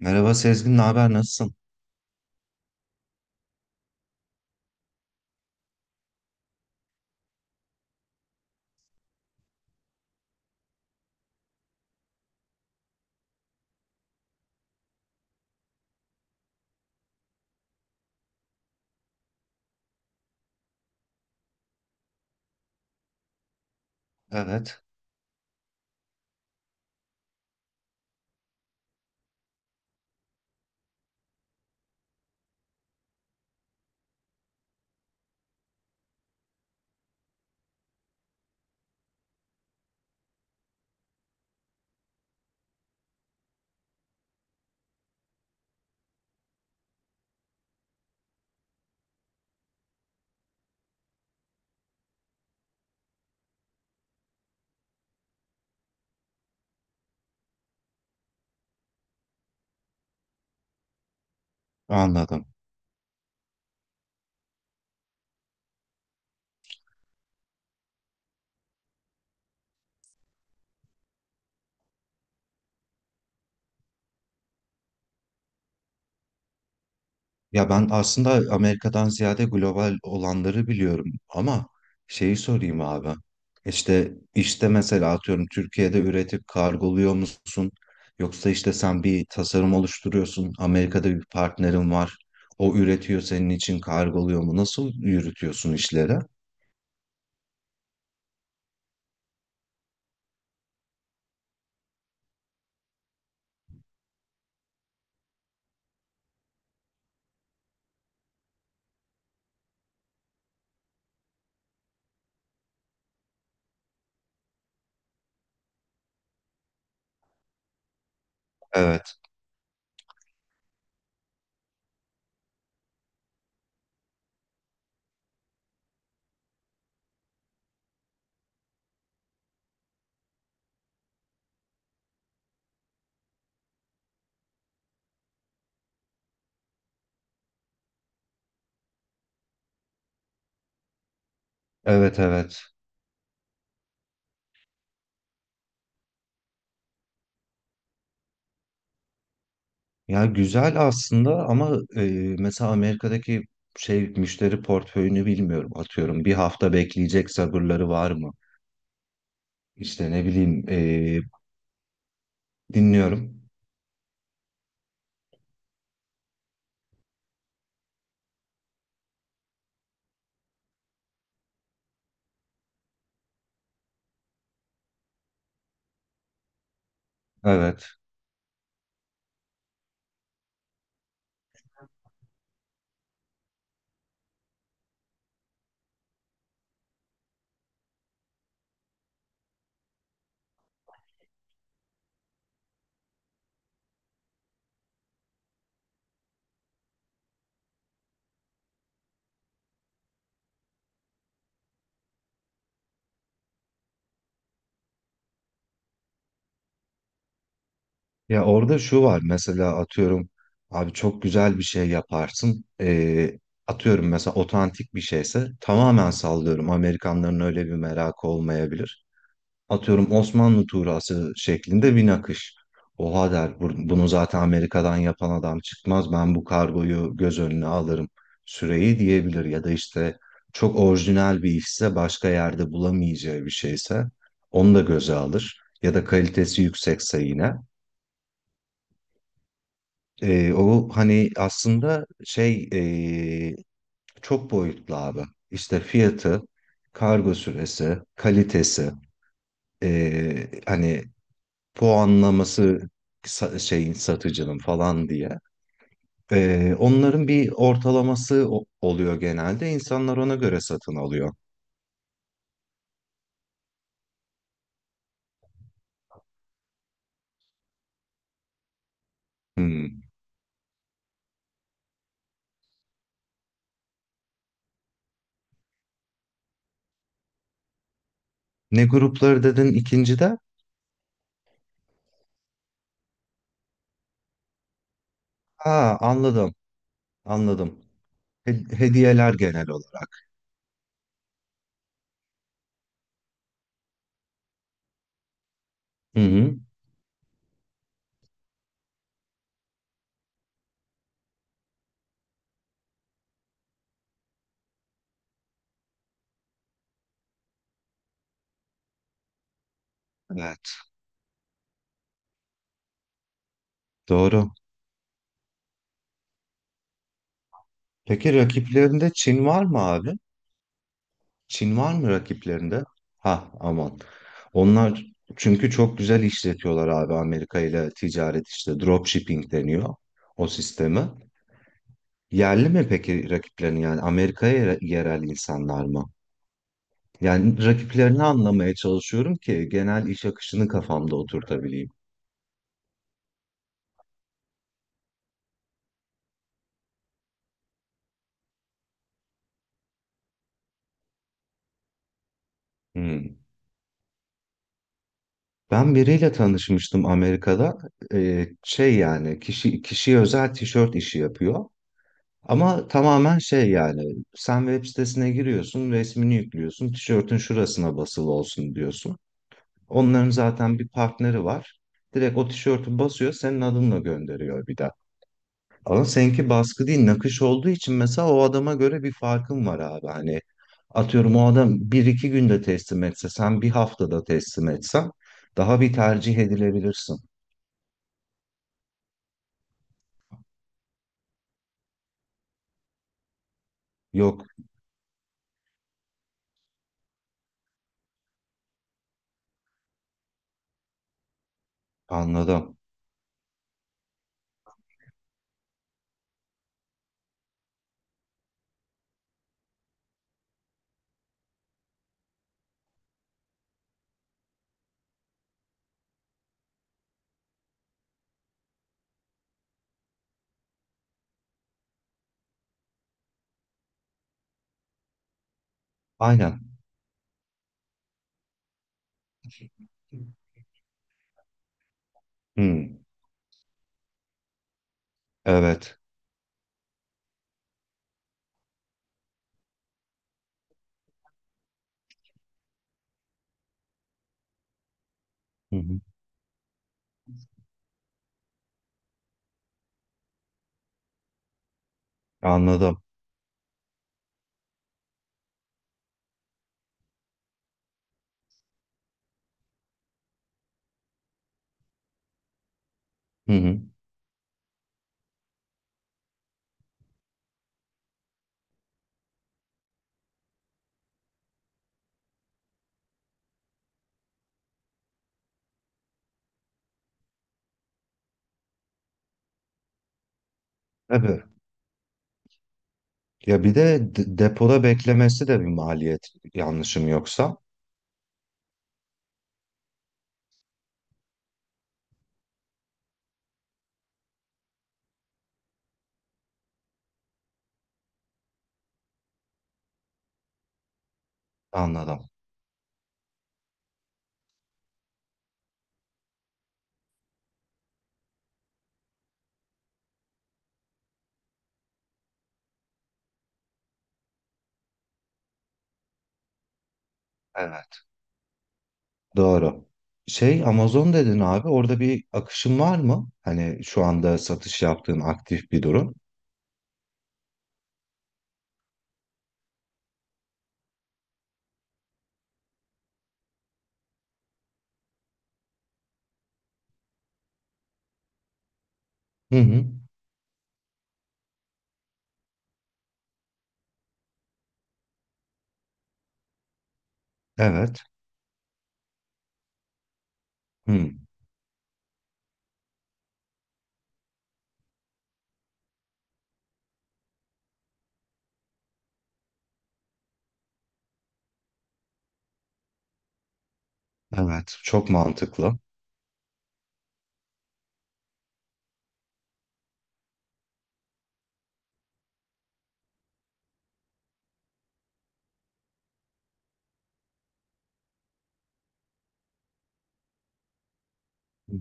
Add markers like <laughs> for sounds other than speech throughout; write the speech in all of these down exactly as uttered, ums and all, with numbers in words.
Merhaba Sezgin, ne haber, nasılsın? Evet, anladım. Ya ben aslında Amerika'dan ziyade global olanları biliyorum ama şeyi sorayım abi. İşte işte mesela atıyorum Türkiye'de üretip kargoluyor musun? Yoksa işte sen bir tasarım oluşturuyorsun, Amerika'da bir partnerin var. O üretiyor senin için kargoluyor mu? Nasıl yürütüyorsun işleri? Evet, evet, evet. Ya güzel aslında ama e, mesela Amerika'daki şey müşteri portföyünü bilmiyorum. Atıyorum bir hafta bekleyecek sabırları var mı? İşte ne bileyim e, dinliyorum. Evet. Ya orada şu var mesela atıyorum abi çok güzel bir şey yaparsın. E, atıyorum mesela otantik bir şeyse tamamen sallıyorum. Amerikanların öyle bir merakı olmayabilir. Atıyorum Osmanlı tuğrası şeklinde bir nakış. Oha der, "bu- bunu zaten Amerika'dan yapan adam çıkmaz, ben bu kargoyu göz önüne alırım, süreyi" diyebilir. Ya da işte çok orijinal bir işse, başka yerde bulamayacağı bir şeyse onu da göze alır, ya da kalitesi yüksekse yine. Ee, o hani aslında şey ee, çok boyutlu abi. İşte fiyatı, kargo süresi, kalitesi, ee, hani puanlaması, sa- şeyin, satıcının falan diye. Ee, onların bir ortalaması o- oluyor genelde. İnsanlar ona göre satın alıyor. Hmm. Ne grupları dedin ikinci de? Ha anladım, anladım. He- hediyeler genel olarak. Hı hı. Evet, doğru. Peki rakiplerinde Çin var mı abi? Çin var mı rakiplerinde? Ha aman. Onlar çünkü çok güzel işletiyorlar abi, Amerika ile ticaret, işte dropshipping deniyor o sistemi. Yerli mi peki rakiplerin, yani Amerika'ya, yere- yerel insanlar mı? Yani rakiplerini anlamaya çalışıyorum ki genel iş akışını kafamda oturtabileyim. Hmm. Ben biriyle tanışmıştım Amerika'da. Ee, şey, yani kişi kişiye özel tişört işi yapıyor. Ama tamamen şey, yani sen web sitesine giriyorsun, resmini yüklüyorsun, tişörtün şurasına basılı olsun diyorsun. Onların zaten bir partneri var. Direkt o tişörtü basıyor, senin adınla gönderiyor bir de. Ama seninki baskı değil nakış olduğu için mesela o adama göre bir farkın var abi. Hani atıyorum o adam bir iki günde teslim etse, sen bir haftada teslim etsen daha bir tercih edilebilirsin. Yok, anladım. Aynen. Hı, evet. Hı hı. Anladım. Hı hı. Evet. Ya bir de de- depoda beklemesi de bir maliyet, yanlışım yoksa. Anladım. Evet. Doğru. Şey, Amazon dedin abi, orada bir akışın var mı? Hani şu anda satış yaptığın aktif bir durum. Hı hı. Evet. Hı. Evet. Çok mantıklı. Hı hı,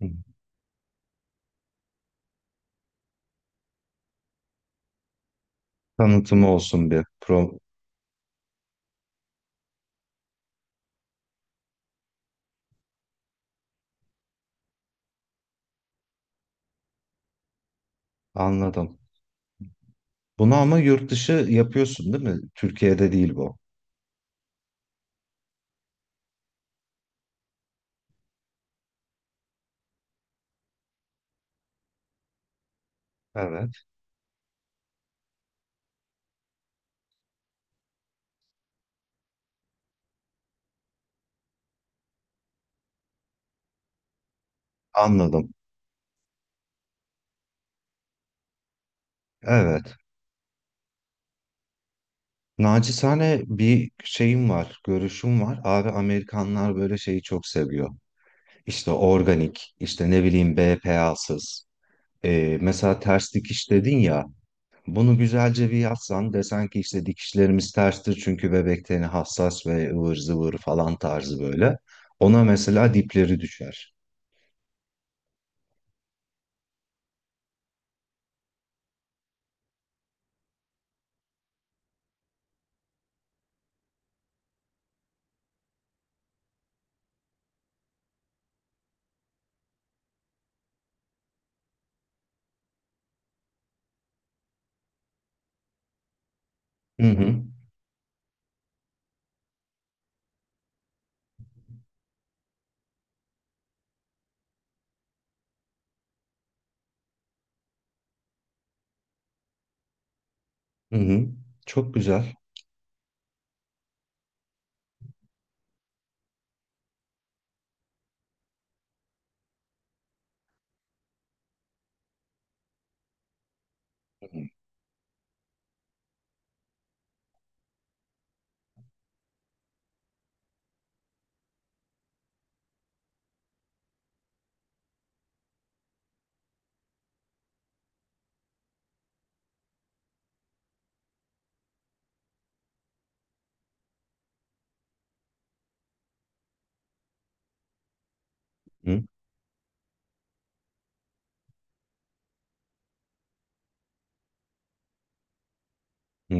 hı. Tanıtımı olsun bir. Pro... Anladım. Bunu ama yurt dışı yapıyorsun değil mi? Türkiye'de değil bu. Evet. Anladım. Evet. Nacizane bir şeyim var, görüşüm var. Abi Amerikanlar böyle şeyi çok seviyor. İşte organik, işte ne bileyim B P A'sız. Ee, mesela ters dikiş dedin ya. Bunu güzelce bir yazsan, desen ki işte dikişlerimiz terstir çünkü bebek teni hassas ve ıvır zıvır falan tarzı böyle. Ona mesela dipleri düşer. Hı hı. Hı hı. Çok güzel. Hı hı. Hı.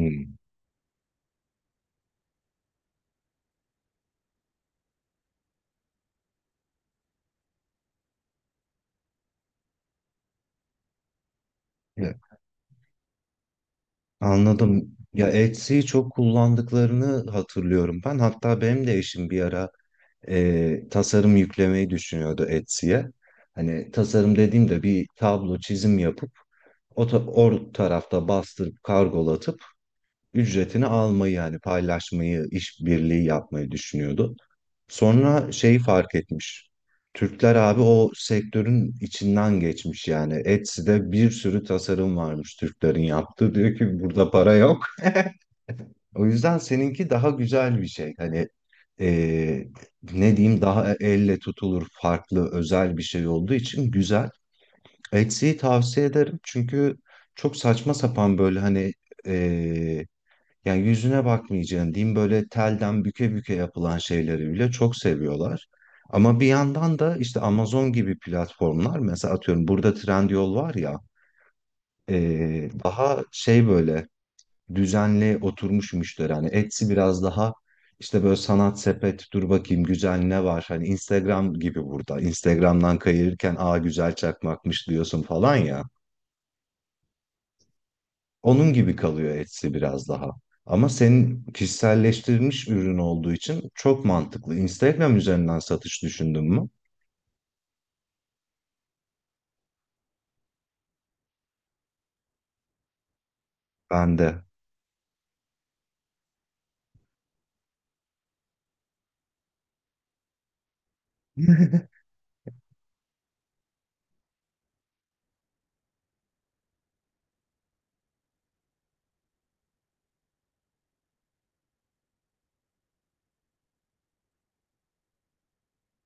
Evet, anladım. Ya Etsy'yi çok kullandıklarını hatırlıyorum ben. Hatta benim de eşim bir ara e, tasarım yüklemeyi düşünüyordu Etsy'ye. Hani tasarım dediğimde bir tablo çizim yapıp o, ta- o tarafta bastırıp kargolatıp ücretini almayı, yani paylaşmayı, işbirliği yapmayı düşünüyordu. Sonra şeyi fark etmiş. Türkler abi o sektörün içinden geçmiş yani. Etsy'de bir sürü tasarım varmış Türklerin yaptığı. <laughs> Diyor ki burada para yok. O yüzden seninki daha güzel bir şey. Hani e, ne diyeyim, daha elle tutulur, farklı, özel bir şey olduğu için güzel. Etsy'yi tavsiye ederim çünkü çok saçma sapan böyle hani, yani yüzüne bakmayacaksın diyeyim, böyle telden büke büke yapılan şeyleri bile çok seviyorlar. Ama bir yandan da işte Amazon gibi platformlar, mesela atıyorum burada Trendyol var ya, eee, daha şey böyle düzenli oturmuş müşteri. Hani Etsy biraz daha işte böyle sanat sepet, dur bakayım güzel ne var. Hani Instagram gibi, burada Instagram'dan kayırırken, "aa güzel çakmakmış" diyorsun falan ya. Onun gibi kalıyor Etsy biraz daha. Ama senin kişiselleştirilmiş ürün olduğu için çok mantıklı. Instagram üzerinden satış düşündün mü? Ben de.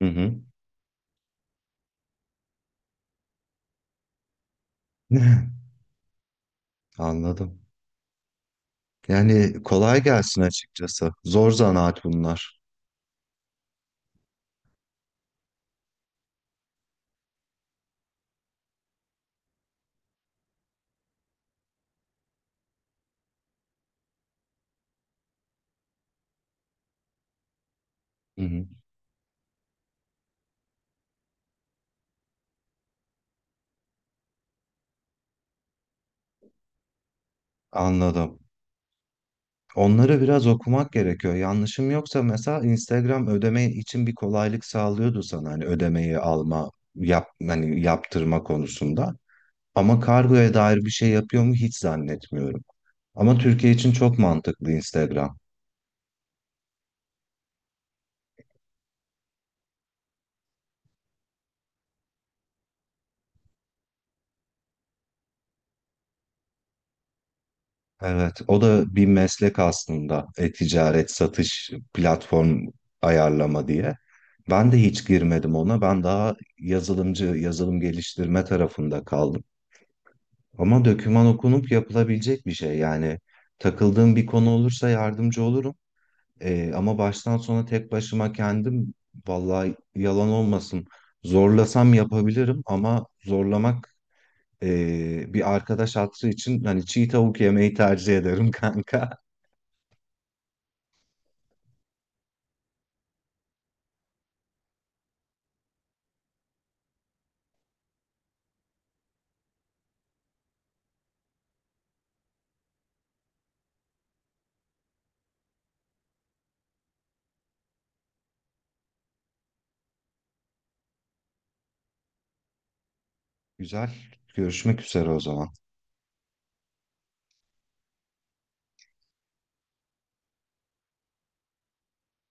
Hı hı. <laughs> Anladım. Yani kolay gelsin açıkçası. Zor zanaat bunlar. Hı hı. Anladım. Onları biraz okumak gerekiyor. Yanlışım yoksa mesela Instagram ödeme için bir kolaylık sağlıyordu sana, hani ödemeyi alma, yap, hani yaptırma konusunda. Ama kargoya dair bir şey yapıyor mu hiç zannetmiyorum. Ama Türkiye için çok mantıklı Instagram. Evet, o da bir meslek aslında. E-ticaret, satış, platform ayarlama diye. Ben de hiç girmedim ona. Ben daha yazılımcı, yazılım geliştirme tarafında kaldım. Ama döküman okunup yapılabilecek bir şey. Yani takıldığım bir konu olursa yardımcı olurum. Ee, ama baştan sona tek başıma kendim, vallahi yalan olmasın, zorlasam yapabilirim ama zorlamak, ee, bir arkadaş hatırı için, hani çiğ tavuk yemeyi tercih ederim <laughs> kanka. Güzel. Görüşmek üzere o zaman.